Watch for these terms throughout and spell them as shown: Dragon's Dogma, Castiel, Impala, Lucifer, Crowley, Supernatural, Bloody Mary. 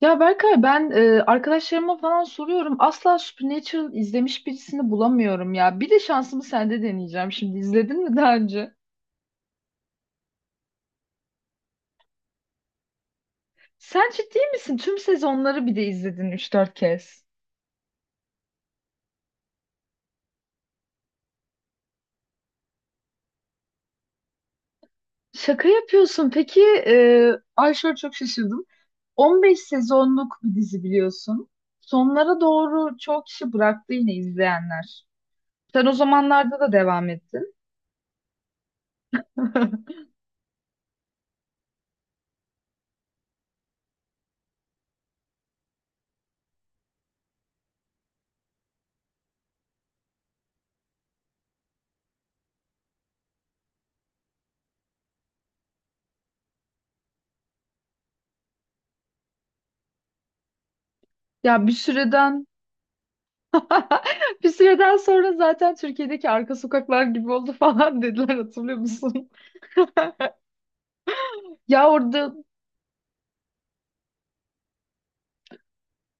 Ya Berkay ben arkadaşlarıma falan soruyorum. Asla Supernatural izlemiş birisini bulamıyorum ya. Bir de şansımı sende deneyeceğim şimdi. İzledin mi daha önce? Sen ciddi misin? Tüm sezonları bir de izledin üç dört kez. Şaka yapıyorsun. Peki ay şöyle çok şaşırdım. 15 sezonluk bir dizi biliyorsun. Sonlara doğru çok kişi bıraktı yine izleyenler. Sen o zamanlarda da devam ettin. Ya bir süreden Bir süreden sonra zaten Türkiye'deki arka sokaklar gibi oldu falan dediler hatırlıyor musun? Ya orada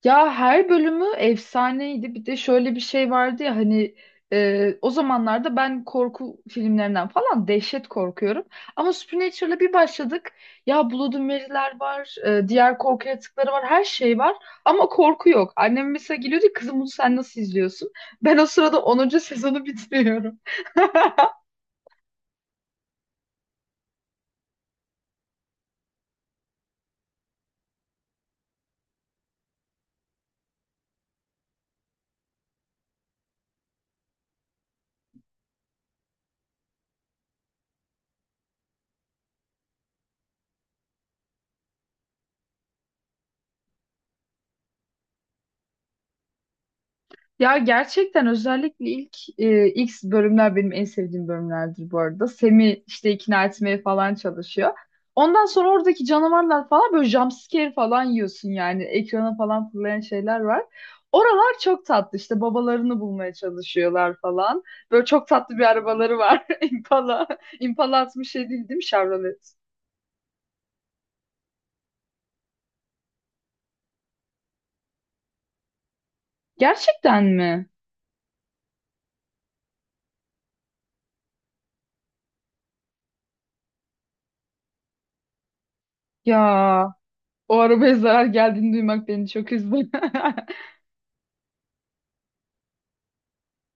ya her bölümü efsaneydi. Bir de şöyle bir şey vardı ya hani o zamanlarda ben korku filmlerinden falan dehşet korkuyorum. Ama Supernatural'a bir başladık. Ya Bloody Mary'ler var, diğer korku yaratıkları var, her şey var. Ama korku yok. Annem mesela geliyordu, kızım bunu sen nasıl izliyorsun? Ben o sırada onuncu sezonu bitiriyorum. Ya gerçekten özellikle ilk bölümler benim en sevdiğim bölümlerdir bu arada. Semi işte ikna etmeye falan çalışıyor. Ondan sonra oradaki canavarlar falan böyle jumpscare falan yiyorsun yani. Ekrana falan fırlayan şeyler var. Oralar çok tatlı, işte babalarını bulmaya çalışıyorlar falan. Böyle çok tatlı bir arabaları var. Impala. Impala 67 değil mi Chevrolet? Gerçekten mi? Ya o arabaya zarar geldiğini duymak beni çok üzdü.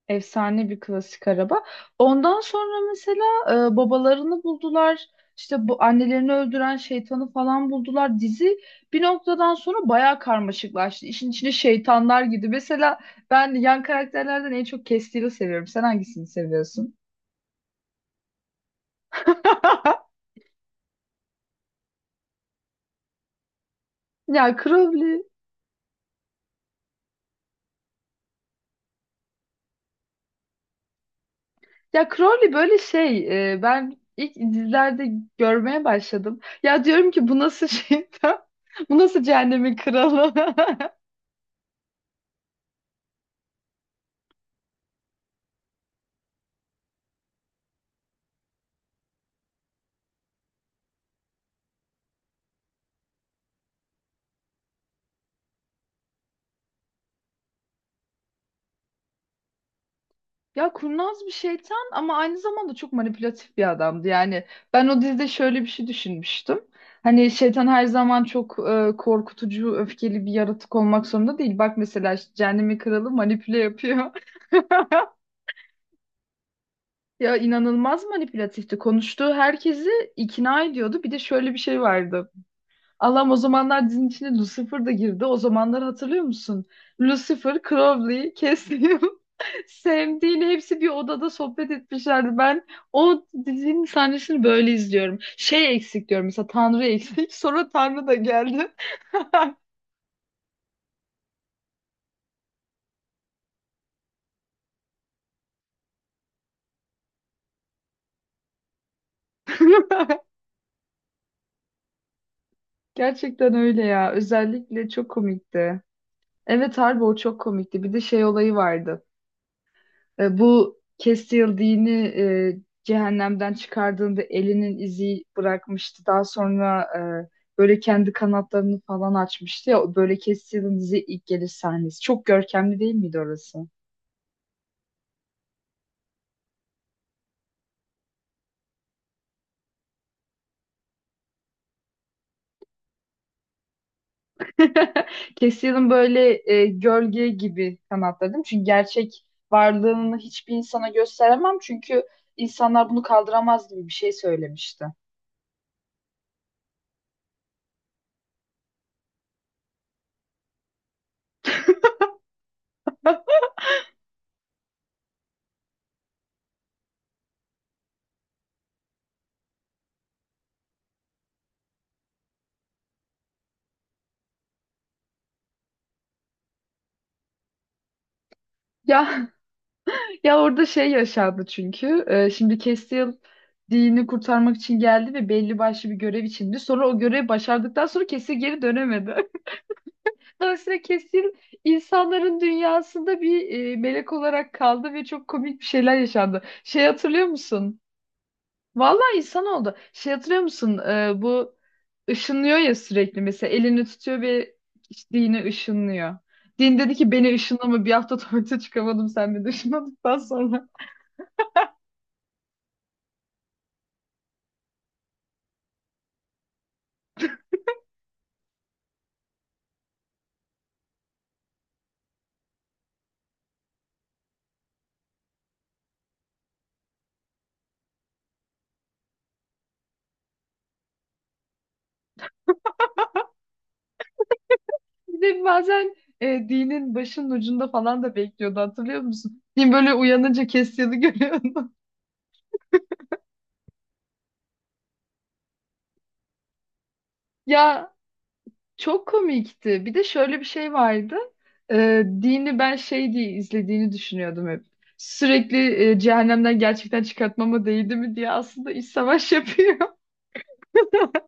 Efsane bir klasik araba. Ondan sonra mesela babalarını buldular. İşte bu annelerini öldüren şeytanı falan buldular. Dizi bir noktadan sonra bayağı karmaşıklaştı. İşin içine şeytanlar girdi. Mesela ben yan karakterlerden en çok Castiel'i seviyorum. Sen hangisini seviyorsun? Ya Crowley. Ya Crowley böyle şey. Ben ilk dizilerde görmeye başladım. Ya diyorum ki bu nasıl şeytan? Bu nasıl cehennemin kralı? Ya kurnaz bir şeytan ama aynı zamanda çok manipülatif bir adamdı. Yani ben o dizide şöyle bir şey düşünmüştüm. Hani şeytan her zaman çok korkutucu, öfkeli bir yaratık olmak zorunda değil. Bak mesela işte Cehennemin Kralı manipüle yapıyor. Ya inanılmaz manipülatifti. Konuştuğu herkesi ikna ediyordu. Bir de şöyle bir şey vardı. Allah'ım, o zamanlar dizinin içine Lucifer da girdi. O zamanları hatırlıyor musun? Lucifer, Crowley, Cassium, Sam, Dean hepsi bir odada sohbet etmişlerdi. Ben o dizinin sahnesini böyle izliyorum. Şey eksik diyorum, mesela Tanrı eksik. Sonra Tanrı da geldi. Gerçekten öyle ya. Özellikle çok komikti. Evet harbi o çok komikti. Bir de şey olayı vardı. Bu Castiel dini cehennemden çıkardığında elinin izi bırakmıştı. Daha sonra böyle kendi kanatlarını falan açmıştı ya. Böyle Castiel'in dizi ilk geliş sahnesi. Çok görkemli değil miydi orası? Castiel'in böyle gölge gibi kanatları değil mi? Çünkü gerçek varlığını hiçbir insana gösteremem. Çünkü insanlar bunu kaldıramaz gibi bir şey söylemişti. Ya Ya orada şey yaşandı çünkü. Şimdi Castiel dini kurtarmak için geldi ve belli başlı bir görev içindi. Sonra o görevi başardıktan sonra Castiel geri dönemedi. Dolayısıyla Castiel insanların dünyasında bir melek olarak kaldı ve çok komik bir şeyler yaşandı. Şey hatırlıyor musun? Vallahi insan oldu. Şey hatırlıyor musun? Bu ışınlıyor ya, sürekli mesela elini tutuyor ve işte dini ışınlıyor. Din dedi ki beni ışınlama, bir hafta tuvalete çıkamadım sen beni ışınladıktan sonra. Bir de bazen dinin başının ucunda falan da bekliyordu hatırlıyor musun? Din böyle uyanınca kestiğini görüyordum. Ya çok komikti. Bir de şöyle bir şey vardı. Dini ben şey diye izlediğini düşünüyordum hep. Sürekli cehennemden gerçekten çıkartmama değdi mi diye aslında iç savaş yapıyor.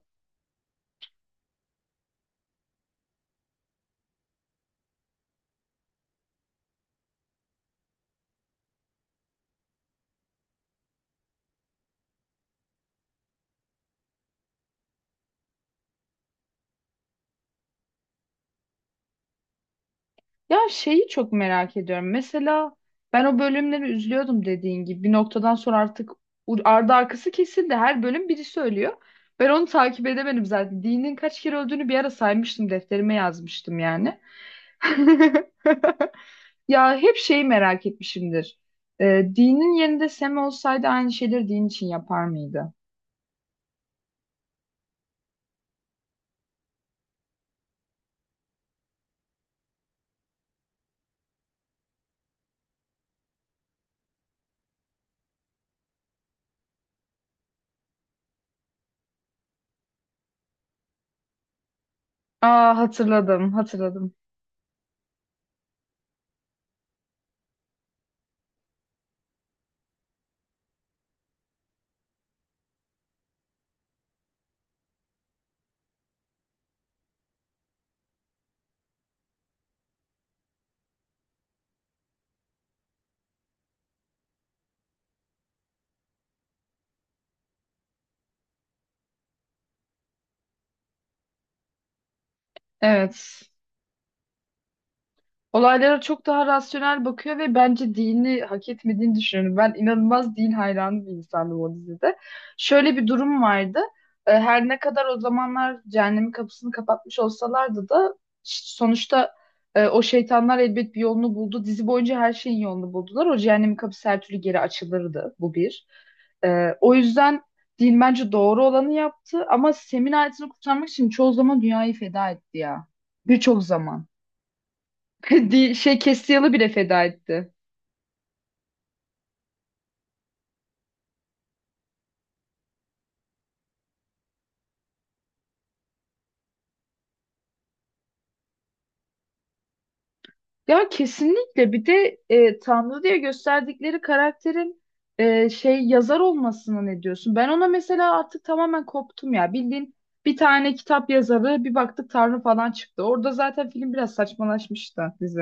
Ya şeyi çok merak ediyorum. Mesela ben o bölümleri üzülüyordum dediğin gibi. Bir noktadan sonra artık ardı arkası kesildi. Her bölüm biri söylüyor. Ben onu takip edemedim zaten. Dean'in kaç kere öldüğünü bir ara saymıştım. Defterime yazmıştım yani. Ya hep şeyi merak etmişimdir. Dean'in yerinde Sam olsaydı aynı şeyleri Dean için yapar mıydı? Aa hatırladım, hatırladım. Evet. Olaylara çok daha rasyonel bakıyor ve bence dini hak etmediğini düşünüyorum. Ben inanılmaz din hayranı bir insandım o dizide. Şöyle bir durum vardı. E, her ne kadar o zamanlar cehennemin kapısını kapatmış olsalardı da sonuçta o şeytanlar elbet bir yolunu buldu. Dizi boyunca her şeyin yolunu buldular. O cehennemin kapısı her türlü geri açılırdı. Bu bir. E, O yüzden din bence doğru olanı yaptı ama Sem'in ailesini kurtarmak için çoğu zaman dünyayı feda etti ya. Birçok zaman. Şey Kestiyalı bile feda etti. Ya kesinlikle, bir de Tanrı diye gösterdikleri karakterin şey yazar olmasına ne diyorsun? Ben ona mesela artık tamamen koptum ya. Bildiğin bir tane kitap yazarı, bir baktık Tanrı falan çıktı. Orada zaten film biraz saçmalaşmıştı, dizi.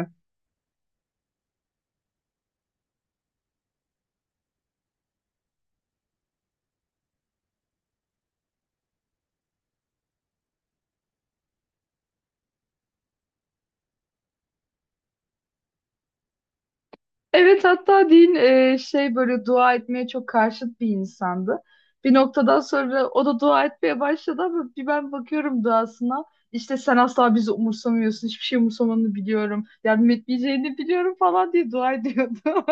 Evet hatta din şey böyle dua etmeye çok karşıt bir insandı. Bir noktadan sonra o da dua etmeye başladı ama bir ben bakıyorum duasına. İşte sen asla bizi umursamıyorsun. Hiçbir şey umursamanı biliyorum. Yardım etmeyeceğini biliyorum falan diye dua ediyordu.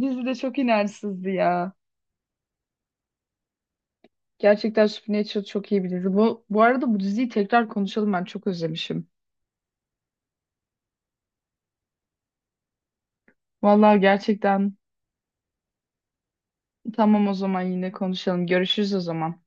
Dizi de çok inançsızdı ya. Gerçekten Supernatural çok iyi bir dizi. Bu arada bu diziyi tekrar konuşalım, ben çok özlemişim. Vallahi gerçekten tamam, o zaman yine konuşalım. Görüşürüz o zaman.